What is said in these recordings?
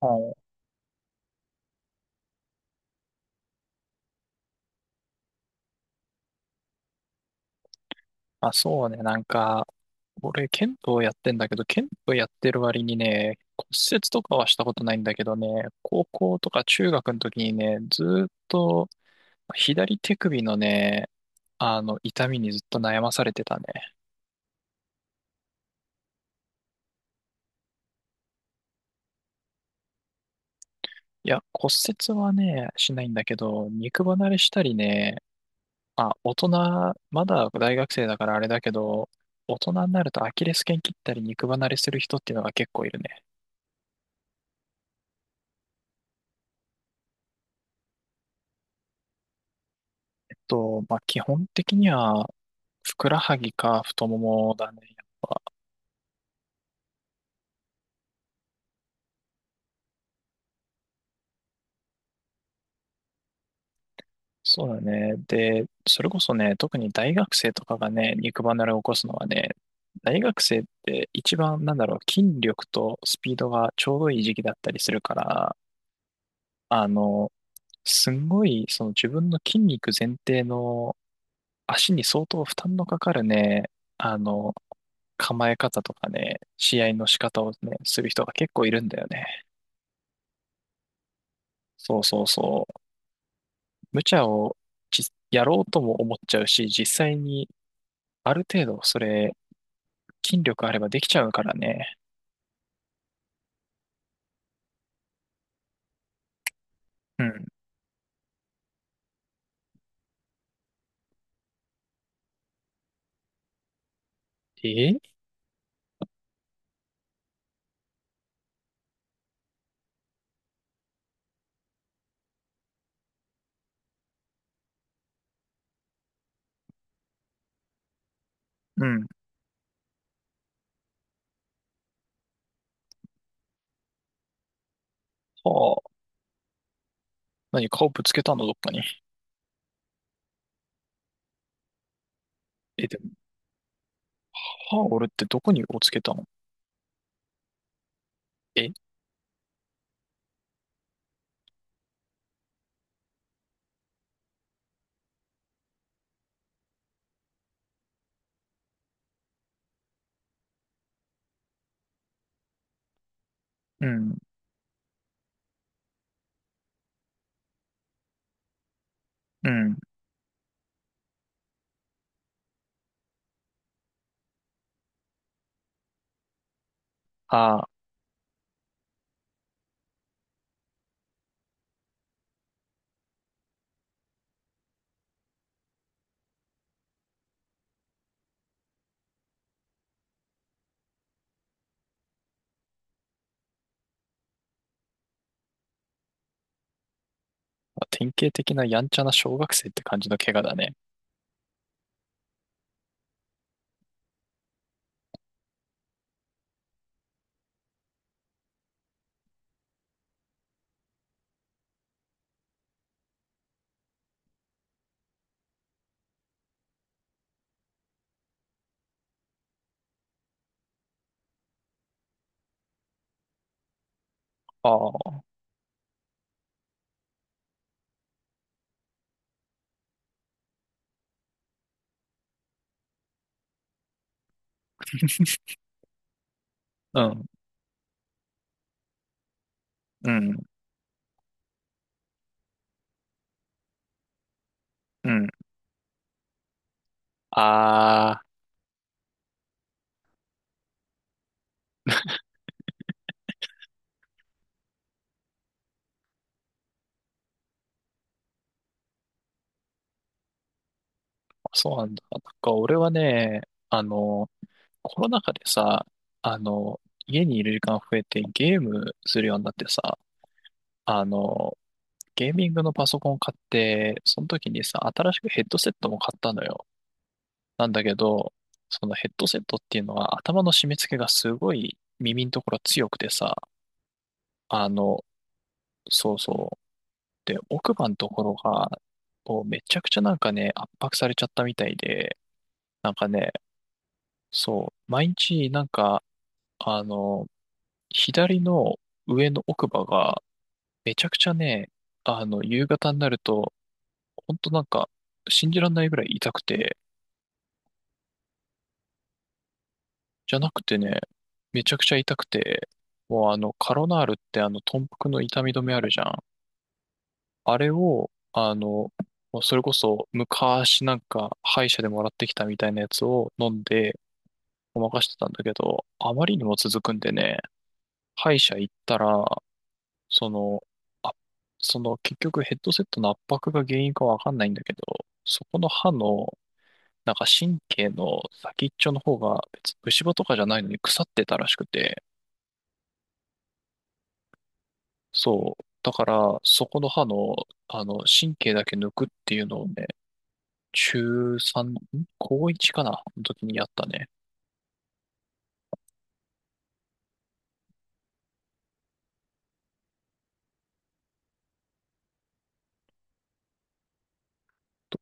はい。あ、そうね。なんか、俺、剣道やってんだけど、剣道やってる割にね、骨折とかはしたことないんだけどね、高校とか中学の時にね、ずーっと左手首のね、痛みにずっと悩まされてたね。いや、骨折はね、しないんだけど、肉離れしたりね、あ、大人、まだ大学生だからあれだけど、大人になるとアキレス腱切ったり肉離れする人っていうのが結構いるね。まあ、基本的には、ふくらはぎか太ももだね。そうだね。で、それこそね、特に大学生とかがね、肉離れを起こすのはね、大学生って一番、なんだろう、筋力とスピードがちょうどいい時期だったりするから、あの、すんごい、その自分の筋肉前提の足に相当負担のかかるね、あの、構え方とかね、試合の仕方をね、する人が結構いるんだよね。そうそうそう。無茶をじやろうとも思っちゃうし、実際にある程度それ、筋力あればできちゃうからね。うん。えうん。はあ。何、顔ぶつけたのどっかに？え、でも、歯を折るってどこにをつけたの？えうん。うん。ああ。典型的なやんちゃな小学生って感じの怪我だね。ああ。うん。うん。うん。ああ。そうなんだ。なんか俺はね、あの、コロナ禍でさ、あの、家にいる時間増えてゲームするようになってさ、あの、ゲーミングのパソコンを買って、その時にさ、新しくヘッドセットも買ったのよ。なんだけど、そのヘッドセットっていうのは頭の締め付けがすごい耳のところ強くてさ、あの、そうそう。で、奥歯のところが、こうめちゃくちゃなんかね、圧迫されちゃったみたいで、なんかね、そう、毎日なんか、あの、左の上の奥歯が、めちゃくちゃね、夕方になると、ほんとなんか、信じらんないぐらい痛くて、じゃなくてね、めちゃくちゃ痛くて、もうカロナールって豚腹の痛み止めあるじゃん。あれを、もうそれこそ昔なんか歯医者でもらってきたみたいなやつを飲んでごまかしてたんだけど、あまりにも続くんでね、歯医者行ったら、その、あ、その結局ヘッドセットの圧迫が原因かわかんないんだけど、そこの歯の、なんか神経の先っちょの方が別に虫歯とかじゃないのに腐ってたらしくて、そう。だから、そこの歯の、神経だけ抜くっていうのをね、中3、高1かなの時にやったね。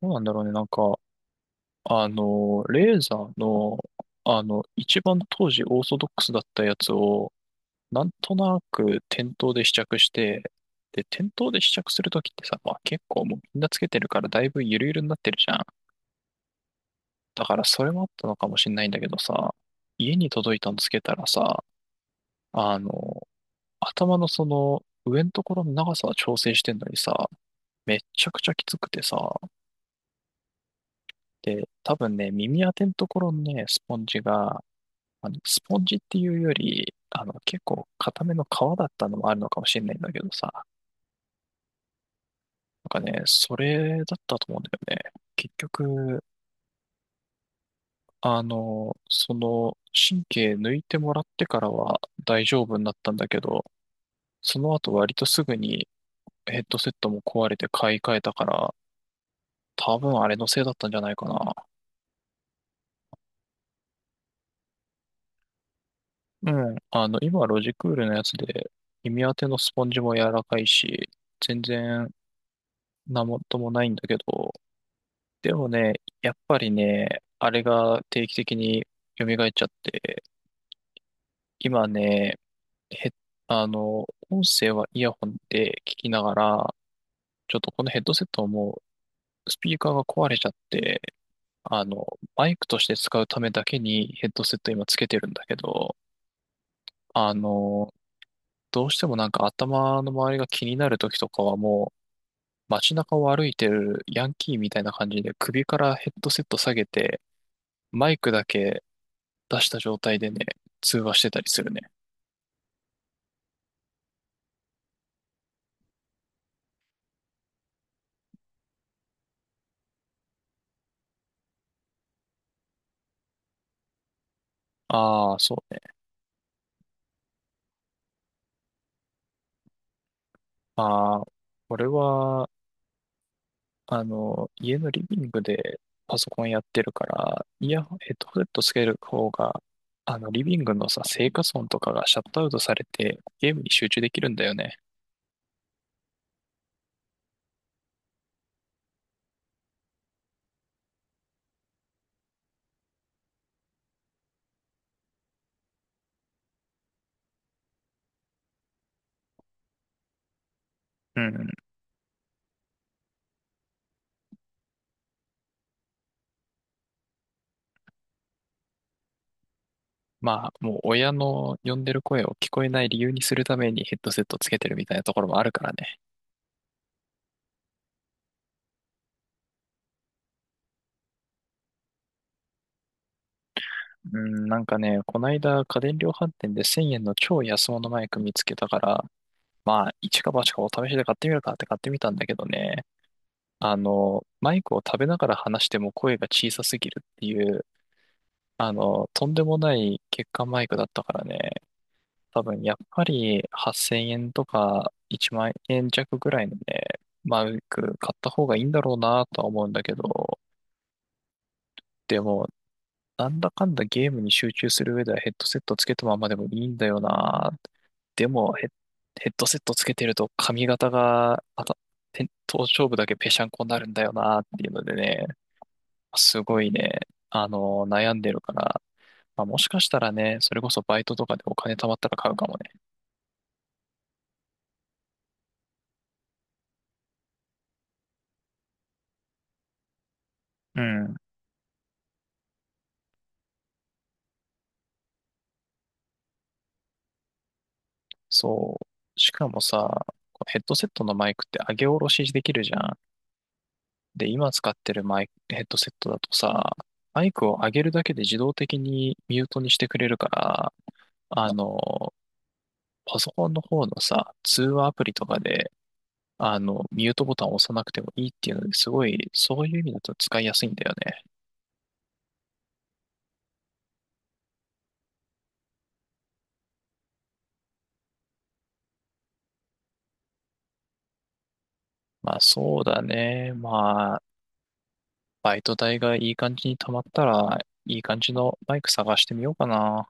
どうなんだろうね、なんか、レーザーの、一番当時オーソドックスだったやつを、なんとなく店頭で試着して、で、店頭で試着するときってさ、まあ結構もうみんなつけてるからだいぶゆるゆるになってるじゃん。だからそれもあったのかもしれないんだけどさ、家に届いたのつけたらさ、あの、頭のその上のところの長さは調整してんのにさ、めっちゃくちゃきつくてさ、で、多分ね、耳当てのところのね、スポンジが、スポンジっていうより、結構硬めの皮だったのもあるのかもしれないんだけどさ、なんかね、それだったと思うんだよね。結局、その、神経抜いてもらってからは大丈夫になったんだけど、その後割とすぐにヘッドセットも壊れて買い替えたから、多分あれのせいだったんじゃないかな。うん。今ロジクールのやつで、耳当てのスポンジも柔らかいし、全然なもともないんだけど、でもね、やっぱりね、あれが定期的に蘇っちゃって、今ね、へ、音声はイヤホンで聞きながら、ちょっとこのヘッドセットはもうスピーカーが壊れちゃって、あの、マイクとして使うためだけにヘッドセット今つけてるんだけど、あの、どうしてもなんか頭の周りが気になる時とかはもう街中を歩いてるヤンキーみたいな感じで首からヘッドセット下げて、マイクだけ出した状態でね、通話してたりするね。ああ、そうね。まあ、これは、家のリビングでパソコンやってるから、イヤホン、ヘッドホンつける方が、リビングのさ、生活音とかがシャットアウトされて、ゲームに集中できるんだよね。うん。まあ、もう親の呼んでる声を聞こえない理由にするためにヘッドセットつけてるみたいなところもあるからね。うん、なんかね、こないだ家電量販店で1000円の超安物マイク見つけたから、まあ、一か八かお試しで買ってみるかって買ってみたんだけどね、マイクを食べながら話しても声が小さすぎるっていう、とんでもない欠陥マイクだったからね、多分やっぱり8000円とか1万円弱ぐらいのね、マイク買った方がいいんだろうなとは思うんだけど、でも、なんだかんだゲームに集中する上ではヘッドセットつけたままでもいいんだよな。でもヘッドセットつけてると髪型が、頭頂部だけぺしゃんこになるんだよなっていうのでね、すごいね、悩んでるから、まあ、もしかしたらね、それこそバイトとかでお金貯まったら買うかもね。うん。そう。しかもさ、ヘッドセットのマイクって上げ下ろしできるじゃん。で、今使ってるマイク、ヘッドセットだとさ、マイクを上げるだけで自動的にミュートにしてくれるから、あの、パソコンの方のさ、通話アプリとかで、ミュートボタンを押さなくてもいいっていうので、すごい、そういう意味だと使いやすいんだよね。まあそうだね。バイト代がいい感じに貯まったら、いい感じのバイク探してみようかな。